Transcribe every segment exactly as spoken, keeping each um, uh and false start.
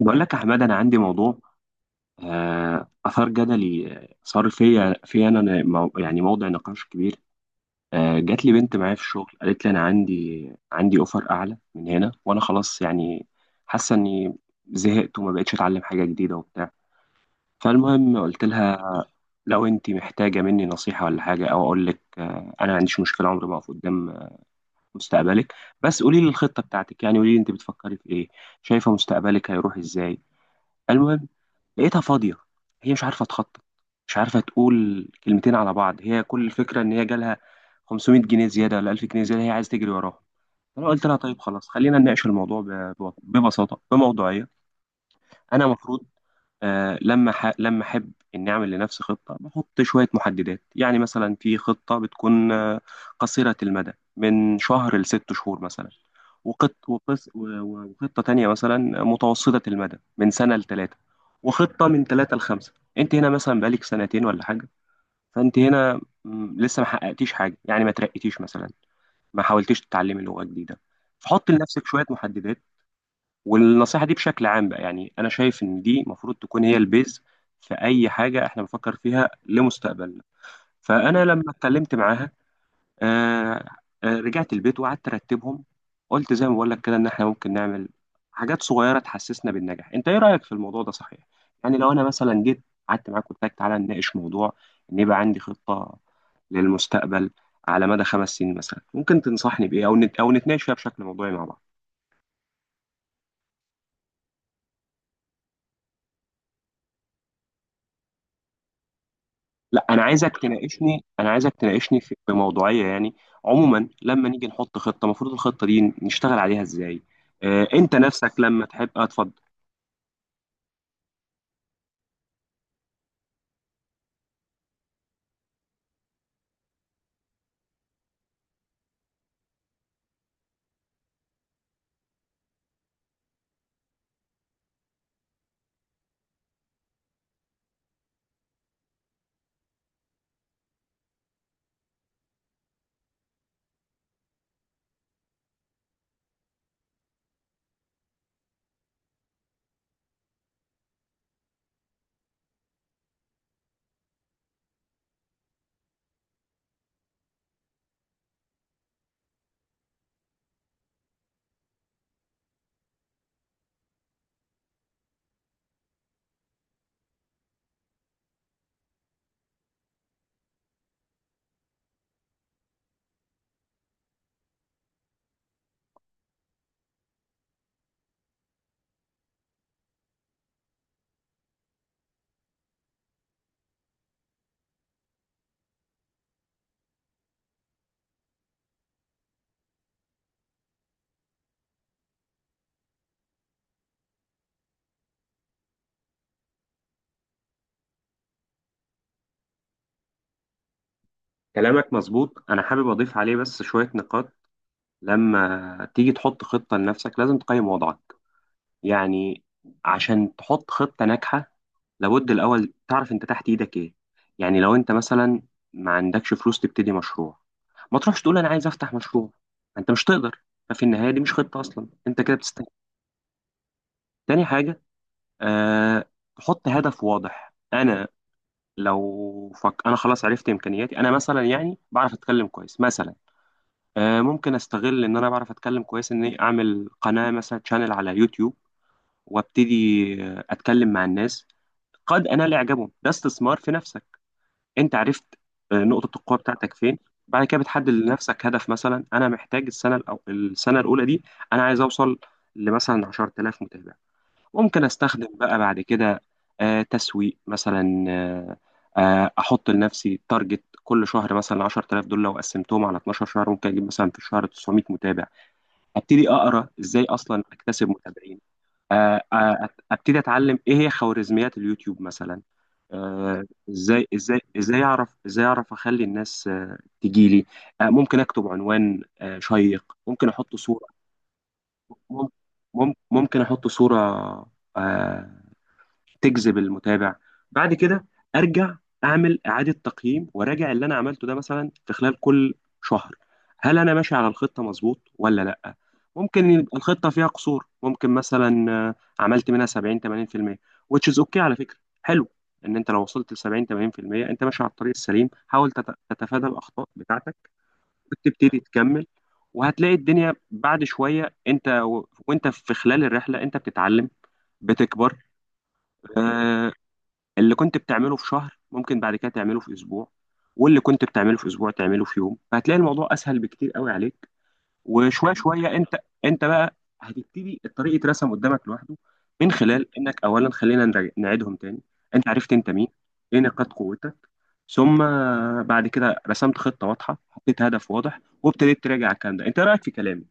بقول لك يا حماد، انا عندي موضوع. آه، اثار جدلي. آه، صار فيا في انا أنا مو- يعني موضع نقاش كبير. آه، جات لي بنت معايا في الشغل، قالت لي: انا عندي عندي اوفر اعلى من هنا، وانا خلاص يعني حاسه اني زهقت وما بقتش اتعلم حاجه جديده وبتاع. فالمهم قلت لها: لو انت محتاجه مني نصيحه ولا حاجه او اقول لك، آه، انا ما عنديش مشكله، عمري ما اقف قدام آه، مستقبلك. بس قولي لي الخطه بتاعتك، يعني قولي لي انت بتفكري في ايه، شايفه مستقبلك هيروح ازاي. المهم، لقيتها فاضية. هي مش عارفة تخطط، مش عارفة تقول كلمتين على بعض. هي كل الفكرة إن هي جالها خمسمائة جنيه زيادة ولا ألف جنيه زيادة هي عايزة تجري وراهم. أنا قلت لها: طيب خلاص، خلينا نناقش الموضوع ب- ب- ببساطة بموضوعية. أنا المفروض، آه لما ح... لما احب اني اعمل لنفسي خطه، بحط شويه محددات. يعني مثلا في خطه بتكون آه، قصيره المدى من شهر لست شهور مثلا. وقط... وقص... و- و- وخطه تانية مثلا متوسطه المدى من سنه لثلاثه، وخطه من ثلاثه لخمسه. انت هنا مثلا بقالك سنتين ولا حاجه، فانت هنا مم، لسه ما حققتيش حاجه، يعني ما ترقيتيش مثلا، ما حاولتيش تتعلمي لغه جديده. فحط لنفسك شويه محددات. والنصيحة دي بشكل عام بقى، يعني أنا شايف إن دي المفروض تكون هي البيز في أي حاجة إحنا بنفكر فيها لمستقبلنا. فأنا لما اتكلمت معاها، آه آه رجعت البيت وقعدت أرتبهم. قلت زي ما بقول لك كده، إن إحنا ممكن نعمل حاجات صغيرة تحسسنا بالنجاح. أنت إيه رأيك في الموضوع ده، صحيح؟ يعني لو أنا مثلا جيت قعدت معاك قلت لك: تعالى نناقش موضوع، إن يبقى عندي خطة للمستقبل على مدى خمس سنين مثلا، ممكن تنصحني بإيه أو نت... أو نتناقش فيها بشكل موضوعي مع بعض؟ لا، انا عايزك تناقشني انا عايزك تناقشني في بموضوعيه يعني. عموما لما نيجي نحط خطه، المفروض الخطه دي نشتغل عليها ازاي؟ آه، انت نفسك لما تحب، آه، اتفضل. كلامك مظبوط، انا حابب اضيف عليه بس شويه نقاط. لما تيجي تحط خطه لنفسك، لازم تقيم وضعك. يعني عشان تحط خطة ناجحة، لابد الأول تعرف أنت تحت إيدك إيه. يعني لو أنت مثلا ما عندكش فلوس تبتدي مشروع، ما تروحش تقول أنا عايز أفتح مشروع، أنت مش تقدر. ففي النهاية دي مش خطة أصلا، أنت كده بتستنى. تاني حاجة، أه تحط هدف واضح. أنا لو فك... أنا خلاص عرفت إمكانياتي، أنا مثلا يعني بعرف أتكلم كويس مثلا. أه ممكن أستغل إن أنا بعرف أتكلم كويس إني أعمل قناة مثلا، شانل على يوتيوب. وابتدي آه، اتكلم مع الناس، قد أنال إعجابهم. ده استثمار في نفسك، أنت عرفت آه، نقطة القوة بتاعتك فين. بعد كده بتحدد لنفسك هدف، مثلا أنا محتاج السنة الأو... السنة الأولى دي أنا عايز أوصل لمثلا 10000 متابع. ممكن أستخدم بقى بعد كده آه، تسويق مثلا. آه، آه، أحط لنفسي تارجت كل شهر، مثلا عشرة آلاف دول لو قسمتهم على اتناشر شهر ممكن أجيب مثلا في الشهر 900 متابع. أبتدي أقرأ إزاي أصلا أكتسب متابعين. آه، آه، ابتدي اتعلم ايه هي خوارزميات اليوتيوب مثلا. آه، ازاي ازاي ازاي اعرف ازاي اعرف اخلي الناس آه، تجيلي. آه، ممكن اكتب عنوان آه، شيق. ممكن احط صورة مم- مم- ممكن احط صورة آه، تجذب المتابع. بعد كده ارجع، اعمل اعاده تقييم وراجع اللي انا عملته ده مثلا في خلال كل شهر. هل انا ماشي على الخطه مظبوط ولا لا؟ ممكن يبقى الخطه فيها قصور، ممكن مثلا آه، عملت منها سبعين تمانين في المية, which is okay على فكره. حلو ان انت لو وصلت ل سبعين تمانين في المية انت ماشي على الطريق السليم. حاول تت- تتفادى الاخطاء بتاعتك وتبتدي تكمل. وهتلاقي الدنيا بعد شويه، انت و... وانت في خلال الرحله انت بتتعلم، بتكبر. آه، اللي كنت بتعمله في شهر ممكن بعد كده تعمله في اسبوع، واللي كنت بتعمله في اسبوع تعمله في يوم. فهتلاقي الموضوع اسهل بكتير قوي عليك، وشويه شويه انت انت بقى هتبتدي الطريق يترسم قدامك لوحده. من خلال انك اولا خلينا نرا- نعيدهم تاني: انت عرفت انت مين، ايه نقاط قوتك، ثم بعد كده رسمت خطه واضحه، حطيت هدف واضح، وابتديت تراجع الكلام ده. انت إيه رايك في كلامي؟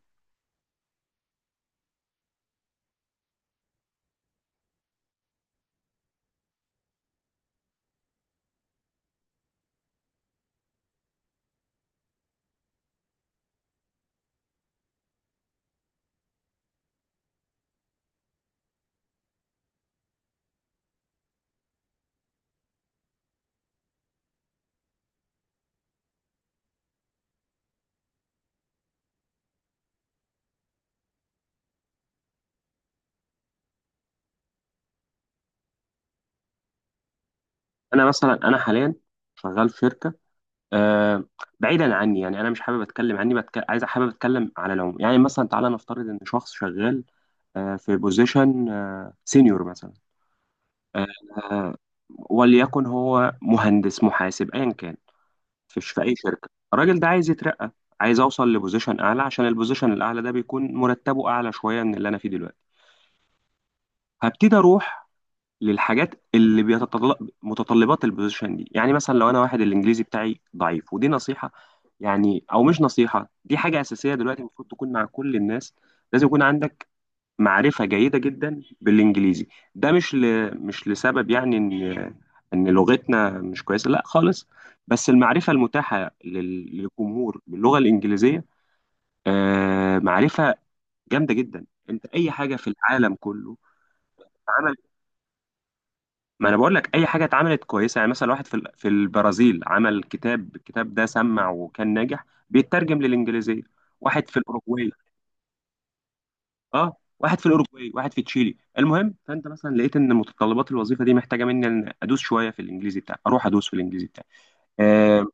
انا مثلا انا حاليا شغال في شركه. آه، بعيدا عني يعني، انا مش حابب اتكلم عني، بتك... عايز حابب اتكلم على العموم. يعني مثلا تعالى نفترض ان شخص شغال آه، في بوزيشن سينيور مثلا، آه، آه، وليكن هو مهندس، محاسب، ايا كان، في في اي شركه. الراجل ده عايز يترقى، عايز اوصل لبوزيشن اعلى، عشان البوزيشن الاعلى ده بيكون مرتبه اعلى شويه من اللي انا فيه دلوقتي. هبتدي اروح للحاجات اللي بيتطلب متطلبات البوزيشن دي. يعني مثلا لو انا واحد الانجليزي بتاعي ضعيف، ودي نصيحه يعني، او مش نصيحه، دي حاجه اساسيه دلوقتي المفروض تكون مع كل الناس، لازم يكون عندك معرفه جيده جدا بالانجليزي. ده مش ل... مش لسبب يعني ان ان لغتنا مش كويسه، لا خالص. بس المعرفه المتاحه لل- للجمهور باللغه الانجليزيه آه معرفه جامده جدا. انت اي حاجه في العالم كله، ما انا بقول لك، اي حاجه اتعملت كويسه يعني، مثلا واحد في ال- في البرازيل عمل كتاب، الكتاب ده سمع وكان ناجح بيترجم للانجليزيه. واحد في الاوروغواي، اه واحد في الاوروغواي، واحد في تشيلي. المهم، فانت مثلا لقيت ان متطلبات الوظيفه دي محتاجه مني ان ادوس شويه في الانجليزي بتاعي، اروح ادوس في الانجليزي بتاعي. آه، م-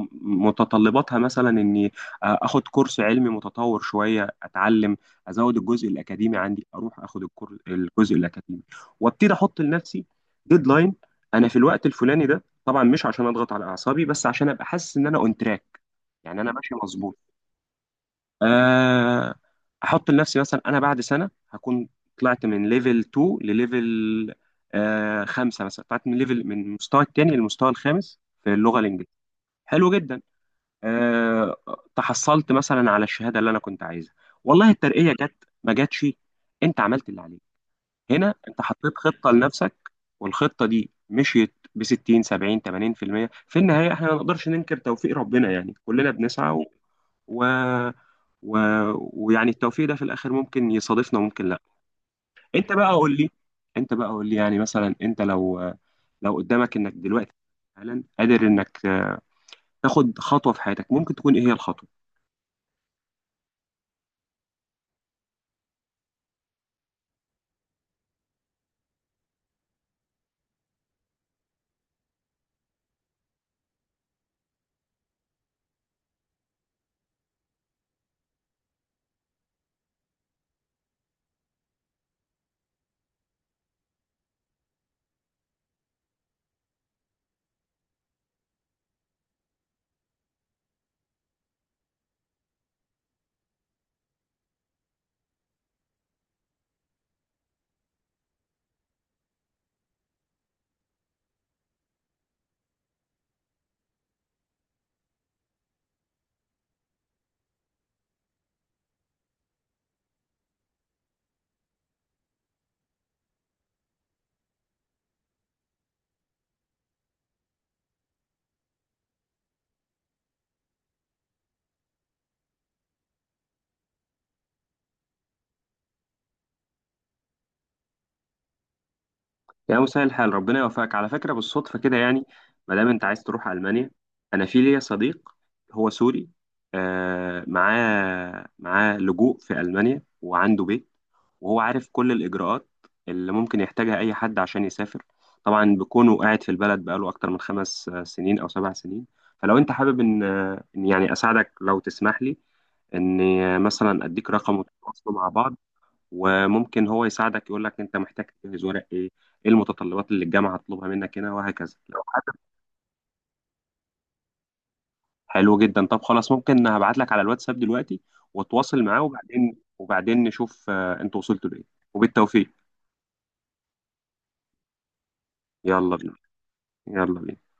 م- متطلباتها مثلا اني آه، اخد كورس علمي متطور شويه، اتعلم ازود الجزء الاكاديمي عندي، اروح اخد الكور- الجزء الاكاديمي، وابتدي احط لنفسي ديدلاين. انا في الوقت الفلاني ده، طبعا مش عشان اضغط على اعصابي، بس عشان ابقى حاسس ان انا اون تراك، يعني انا ماشي مظبوط. آه، احط لنفسي مثلا: انا بعد سنه هكون طلعت من ليفل اتنين لليفل آه، خمسة مثلا، طلعت من ليفل، من المستوى الثاني للمستوى الخامس في اللغه الانجليزيه. حلو جدا. آه، تحصلت مثلا على الشهاده اللي انا كنت عايزها. والله الترقيه جت ما جاتش، انت عملت اللي عليك. هنا انت حطيت خطه لنفسك، والخطه دي مشيت ب ستين سبعين تمانين في المية في المية. في النهايه احنا ما نقدرش ننكر توفيق ربنا، يعني كلنا بنسعى و... و... و... ويعني التوفيق ده في الاخر ممكن يصادفنا وممكن لا. انت بقى قول لي انت بقى قول لي، يعني مثلا انت لو لو قدامك انك دلوقتي حالا قادر انك تاخد خطوه في حياتك، ممكن تكون ايه هي الخطوه؟ يا مسهل الحال، ربنا يوفقك. على فكرة، بالصدفة كده يعني، ما دام انت عايز تروح ألمانيا، انا في ليا صديق، هو سوري، آه معاه معاه لجوء في ألمانيا وعنده بيت، وهو عارف كل الإجراءات اللي ممكن يحتاجها أي حد عشان يسافر. طبعا بكونه قاعد في البلد بقاله أكتر من خمس آه، سنين أو سبع سنين. فلو أنت حابب إن آه، إن يعني أساعدك، لو تسمح لي إني آه، مثلا أديك رقم وتتواصلوا مع بعض. وممكن هو يساعدك يقول لك انت محتاج تجهز ورق ايه، ايه المتطلبات اللي الجامعه هتطلبها منك هنا وهكذا، لو حابب. حلو جدا، طب خلاص، ممكن هبعت لك على الواتساب دلوقتي واتواصل معاه، وبعدين وبعدين نشوف آه، انت وصلتوا لايه. وبالتوفيق. يلا بينا. يلا بينا.